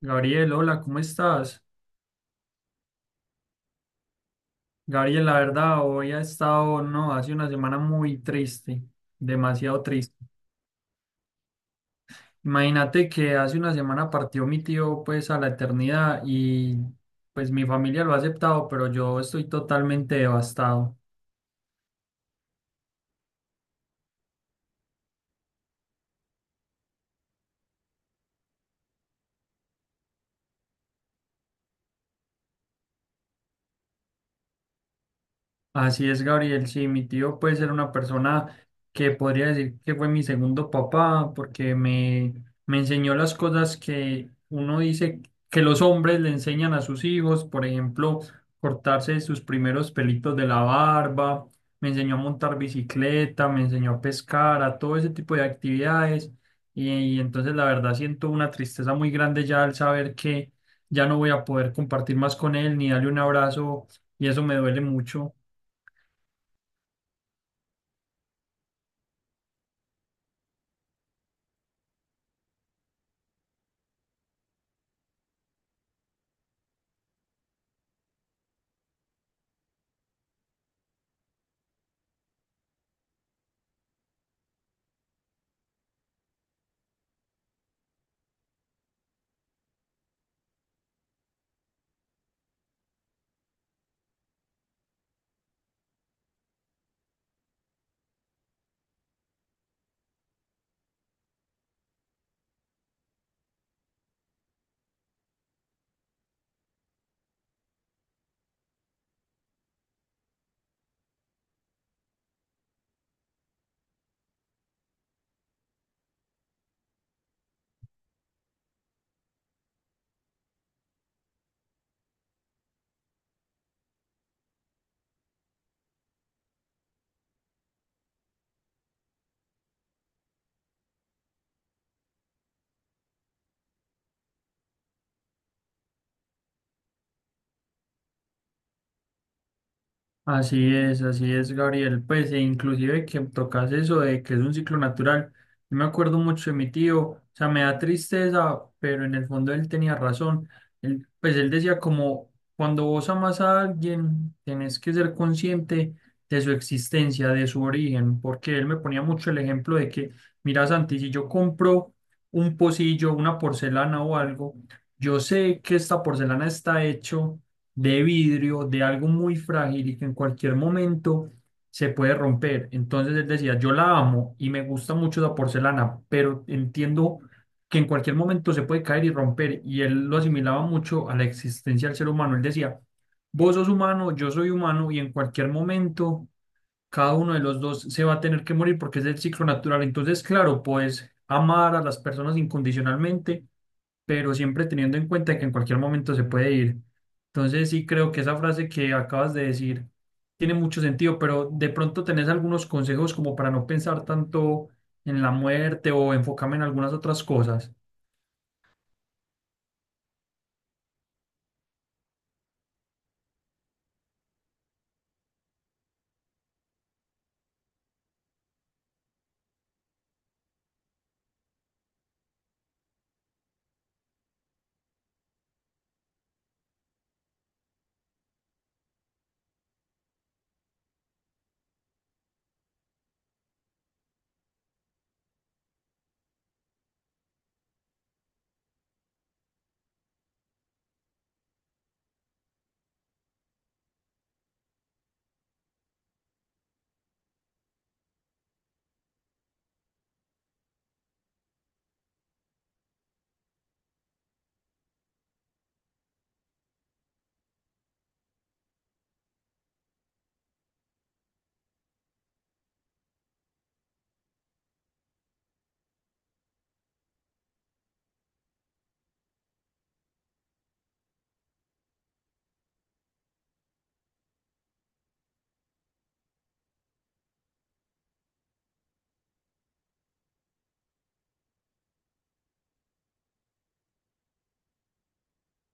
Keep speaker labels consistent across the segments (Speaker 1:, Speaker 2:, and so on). Speaker 1: Gabriel, hola, ¿cómo estás? Gabriel, la verdad, hoy ha estado, no, hace una semana muy triste, demasiado triste. Imagínate que hace una semana partió mi tío, pues, a la eternidad y, pues, mi familia lo ha aceptado, pero yo estoy totalmente devastado. Así es, Gabriel. Sí, mi tío puede ser una persona que podría decir que fue mi segundo papá, me enseñó las cosas que uno dice que los hombres le enseñan a sus hijos, por ejemplo, cortarse sus primeros pelitos de la barba, me enseñó a montar bicicleta, me enseñó a pescar, a todo ese tipo de actividades. Y entonces la verdad siento una tristeza muy grande ya al saber que ya no voy a poder compartir más con él ni darle un abrazo, y eso me duele mucho. Así es, Gabriel. Pues, e inclusive que tocas eso de que es un ciclo natural. Yo me acuerdo mucho de mi tío, o sea, me da tristeza, pero en el fondo él tenía razón. Él, pues él decía como, cuando vos amas a alguien, tenés que ser consciente de su existencia, de su origen, porque él me ponía mucho el ejemplo de que, mira, Santi, si yo compro un pocillo, una porcelana o algo, yo sé que esta porcelana está hecho de vidrio, de algo muy frágil y que en cualquier momento se puede romper. Entonces él decía, yo la amo y me gusta mucho la porcelana, pero entiendo que en cualquier momento se puede caer y romper. Y él lo asimilaba mucho a la existencia del ser humano. Él decía, vos sos humano, yo soy humano y en cualquier momento cada uno de los dos se va a tener que morir porque es el ciclo natural. Entonces, claro, puedes amar a las personas incondicionalmente, pero siempre teniendo en cuenta que en cualquier momento se puede ir. Entonces, sí creo que esa frase que acabas de decir tiene mucho sentido, pero de pronto tenés algunos consejos como para no pensar tanto en la muerte o enfocarme en algunas otras cosas.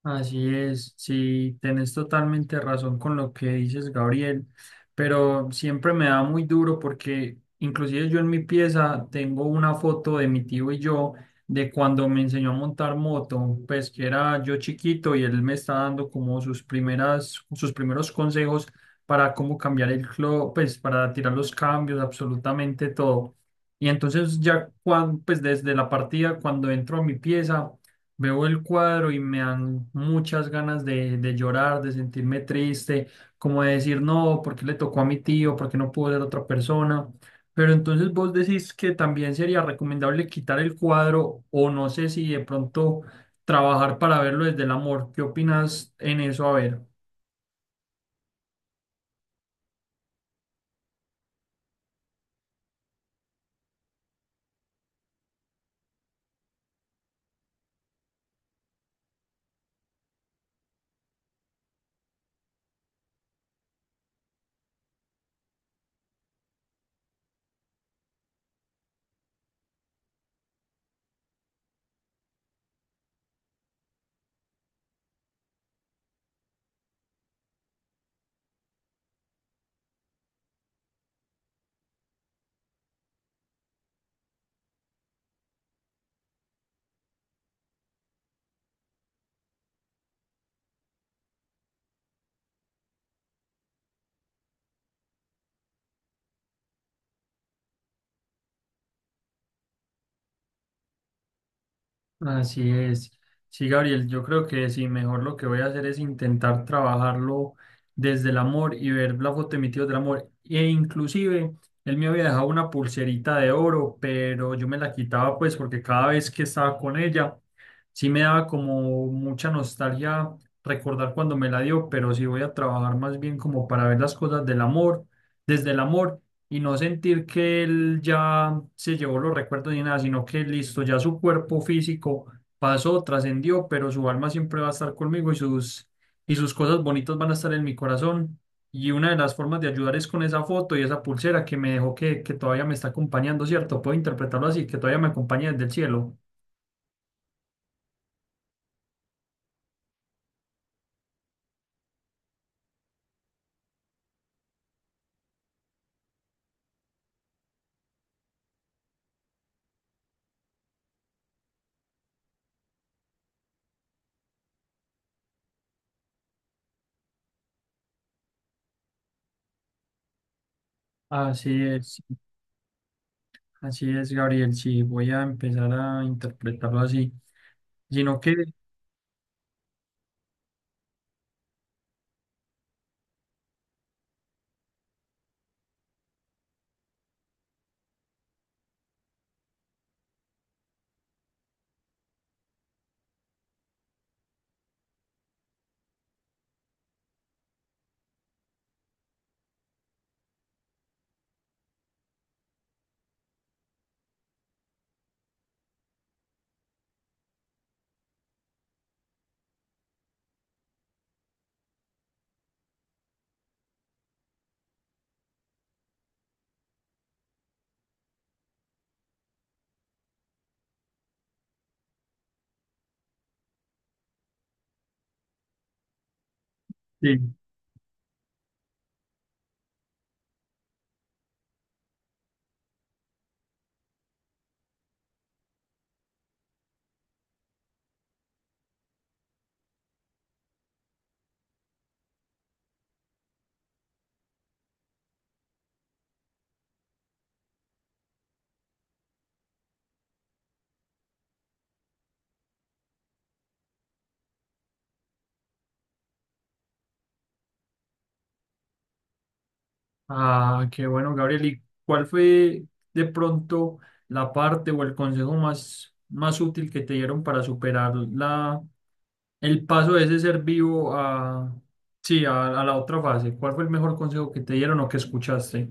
Speaker 1: Así es, sí, tenés totalmente razón con lo que dices, Gabriel, pero siempre me da muy duro porque inclusive yo en mi pieza tengo una foto de mi tío y yo de cuando me enseñó a montar moto, pues que era yo chiquito y él me está dando como sus primeras, sus primeros consejos para cómo cambiar el clutch, pues para tirar los cambios, absolutamente todo. Y entonces ya cuando, pues desde la partida, cuando entro a mi pieza veo el cuadro y me dan muchas ganas de llorar, de sentirme triste, como de decir, no, ¿por qué le tocó a mi tío? ¿Por qué no pudo ser otra persona? Pero entonces vos decís que también sería recomendable quitar el cuadro o no sé si de pronto trabajar para verlo desde el amor. ¿Qué opinas en eso? A ver. Así es. Sí, Gabriel, yo creo que sí, mejor lo que voy a hacer es intentar trabajarlo desde el amor y ver la foto de mi tío del amor. E inclusive, él me había dejado una pulserita de oro, pero yo me la quitaba pues porque cada vez que estaba con ella, sí me daba como mucha nostalgia recordar cuando me la dio, pero sí voy a trabajar más bien como para ver las cosas del amor, desde el amor y no sentir que él ya se llevó los recuerdos ni nada, sino que listo, ya su cuerpo físico pasó, trascendió, pero su alma siempre va a estar conmigo y sus cosas bonitas van a estar en mi corazón. Y una de las formas de ayudar es con esa foto y esa pulsera que me dejó que todavía me está acompañando, ¿cierto? Puedo interpretarlo así, que todavía me acompaña desde el cielo. Así es, así es, Gabriel. Sí, voy a empezar a interpretarlo así, sino que... sí. Ah, qué bueno, Gabriel. ¿Y cuál fue de pronto la parte o el consejo más útil que te dieron para superar el paso de ese ser vivo a, sí, a la otra fase? ¿Cuál fue el mejor consejo que te dieron o que escuchaste?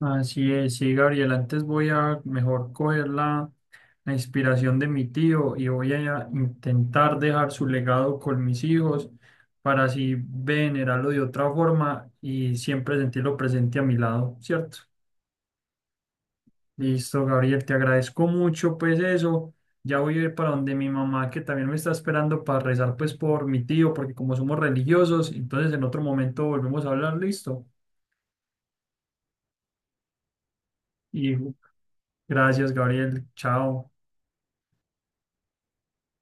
Speaker 1: Así es, sí, Gabriel. Antes voy a mejor coger la inspiración de mi tío y voy a intentar dejar su legado con mis hijos para así venerarlo de otra forma y siempre sentirlo presente a mi lado, ¿cierto? Listo, Gabriel, te agradezco mucho, pues eso. Ya voy a ir para donde mi mamá, que también me está esperando para rezar, pues por mi tío, porque como somos religiosos, entonces en otro momento volvemos a hablar, listo. Y gracias, Gabriel, chao.